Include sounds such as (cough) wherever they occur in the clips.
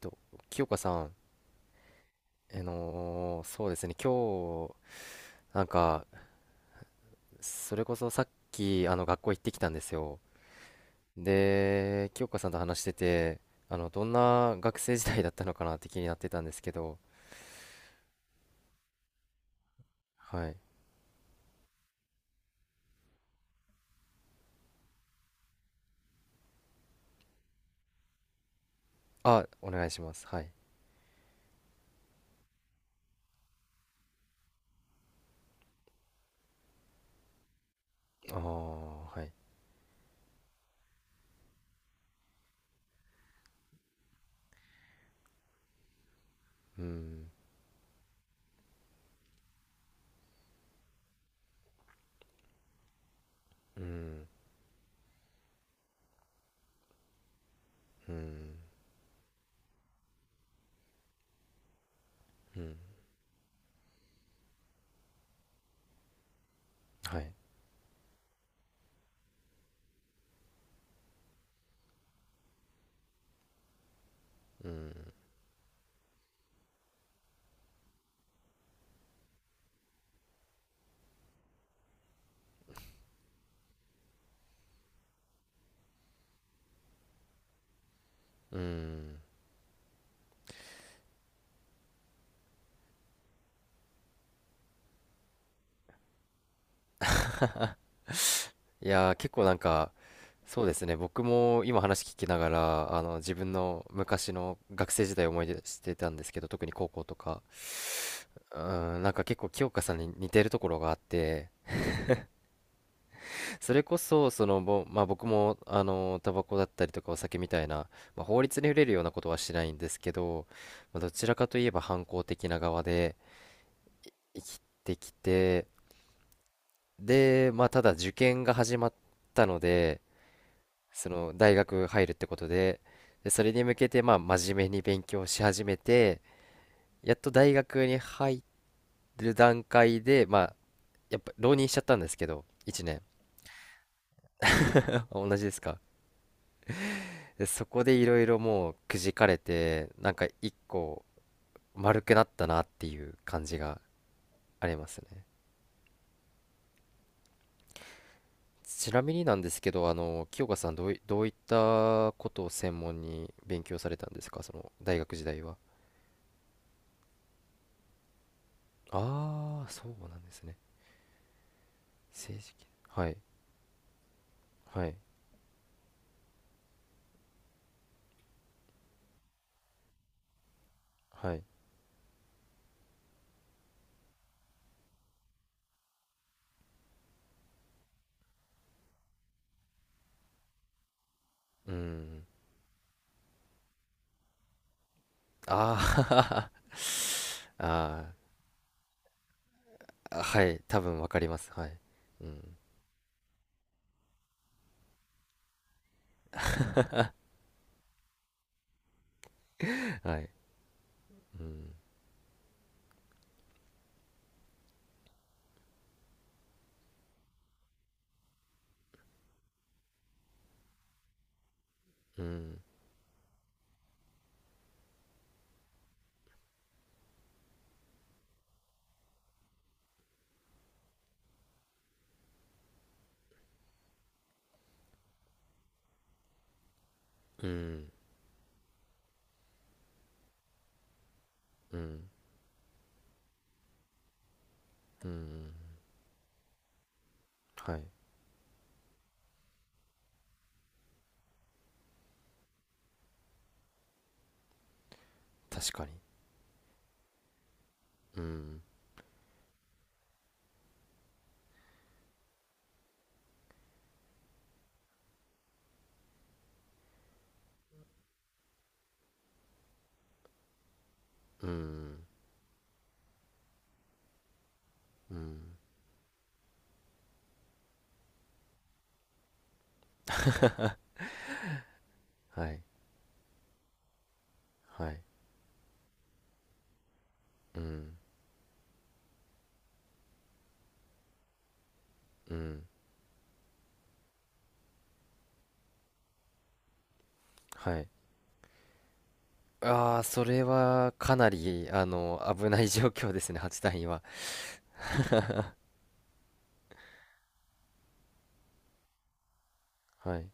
と、清香さん、そうですね、今日、なんか、それこそさっき、学校行ってきたんですよ。で、清香さんと話してて、どんな学生時代だったのかなって気になってたんですけど、はい。あ、お願いします。はい。ああ、はい。うん、うん、うん、うん、はい。うん、うん。いやー、結構なんかそうですね、僕も今話聞きながら自分の昔の学生時代を思い出してたんですけど、特に高校とか。なんか結構清香さんに似てるところがあって、それこそまあ、僕もタバコだったりとかお酒みたいな、まあ、法律に触れるようなことはしないんですけど、まあ、どちらかといえば反抗的な側で生きてきて、で、まあ、ただ受験が始まったので、その大学入るってことで、でそれに向けて、まあ真面目に勉強し始めて、やっと大学に入る段階で、まあやっぱ浪人しちゃったんですけど、1年。あ、同じですか？で、そこでいろいろもうくじかれて、なんか一個丸くなったなっていう感じがありますね。ちなみになんですけど、清香さんどういったことを専門に勉強されたんですか、その大学時代は？ああー、そうなんですね。政治系、はい。はい、はい。うーん。ああ。 (laughs) ああ、はい、多分わかります。はい。うん。はい。うん。うん。うん。うん。はい。確かに。うん。うん。うん。はい。はい。うん。うん。はい。ああ、それはかなり、危ない (laughs) 状況ですね、8単には。はい。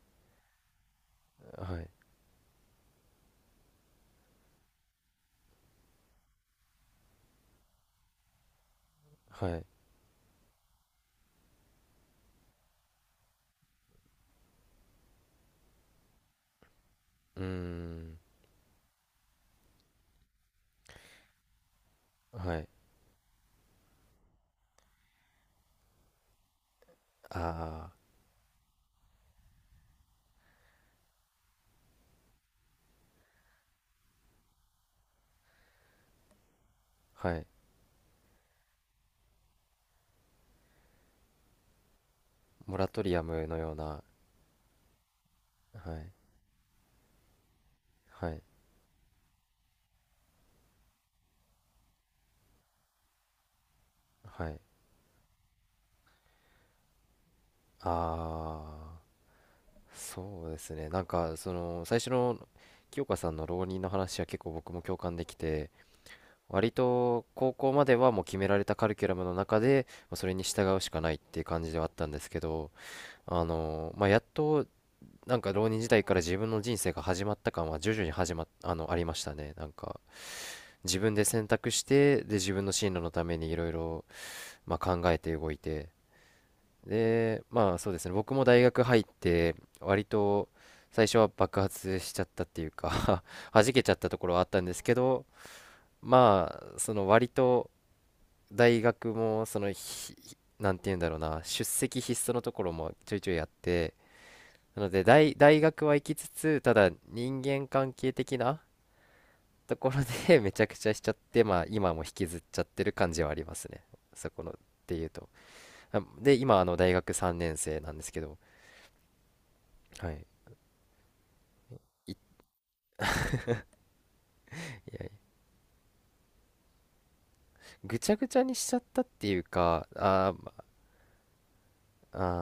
はい。はい。うーん。はい。ああ、はい。モラトリアムのような、はい。はい、はい。ああ、そうですね。なんか、最初の清香さんの浪人の話は結構僕も共感できて、割と高校まではもう決められたカリキュラムの中で、まあそれに従うしかないっていう感じではあったんですけど、まあ、やっと、なんか浪人時代から自分の人生が始まった感は徐々に始まっ、あの、ありましたね。なんか、自分で選択して、で、自分の進路のためにいろいろ、まあ、考えて動いて、で、まあそうですね、僕も大学入って、割と最初は爆発しちゃったっていうか (laughs) 弾けちゃったところはあったんですけど、まあ、割と大学も、そのひ、なんて言うんだろうな、出席必須のところもちょいちょいやって、なので大学は行きつつ、ただ人間関係的なところで (laughs) めちゃくちゃしちゃって、まあ今も引きずっちゃってる感じはありますね。そこの、っていうと。あ、で、今、大学3年生なんですけど、はい。いや、ぐちゃぐちゃにしちゃったっていうか、ま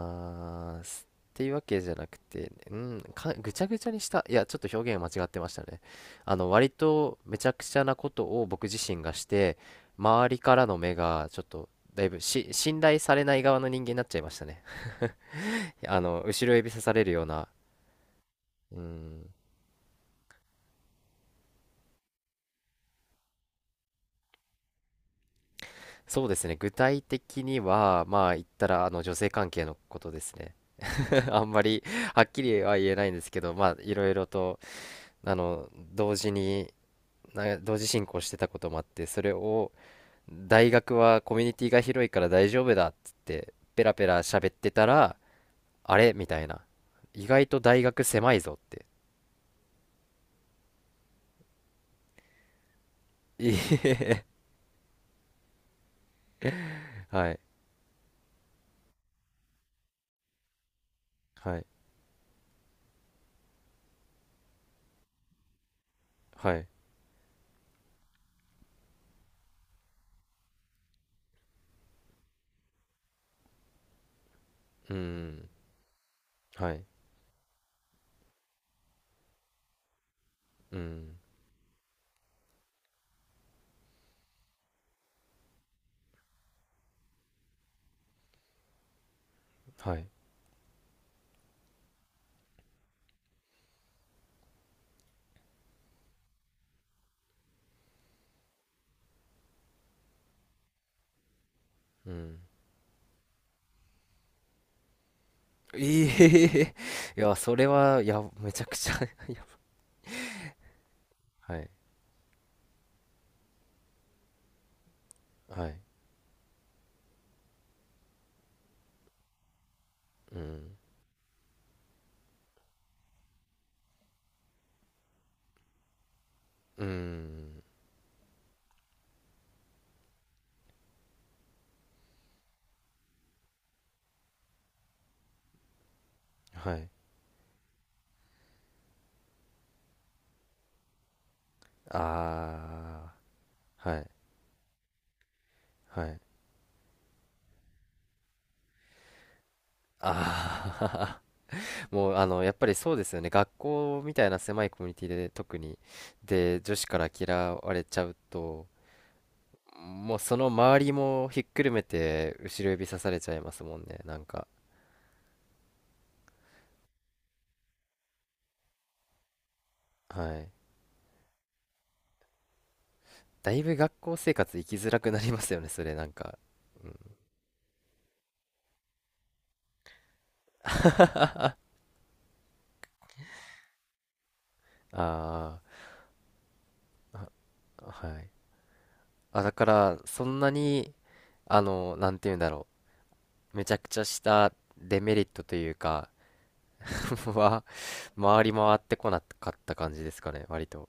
あー、っていうわけじゃなくて、うん、ぐちゃぐちゃにした。いや、ちょっと表現間違ってましたね。割とめちゃくちゃなことを僕自身がして、周りからの目がちょっと、だいぶし、信頼されない側の人間になっちゃいましたね。(laughs) 後ろ指さされるような、うん、そうですね。具体的には、まあ、言ったら、女性関係のことですね。(laughs) あんまり、はっきりは言えないんですけど、まあ、いろいろと、あの同時に同時進行してたこともあって、それを大学はコミュニティが広いから大丈夫だっつってペラペラ喋ってたら、あれみたいな、意外と大学狭いぞって。いえ (laughs) はいはいはい、うん、はい、うん、はい、うん、いえ (laughs) いや、それはいや、めちゃくちゃ (laughs) いや、はいはい、うんうん、はい、ああー、はいはい、ああ、(laughs) もうやっぱりそうですよね。学校みたいな狭いコミュニティで特に、で、女子から嫌われちゃうと、もうその周りもひっくるめて後ろ指さされちゃいますもんね。なんか、はい。だいぶ学校生活生きづらくなりますよね、それなんか。うん。ああ、はい。あ、だから、そんなに、なんて言うんだろう。めちゃくちゃしたデメリットというか、は、回り回ってこなかった感じですかね、割と。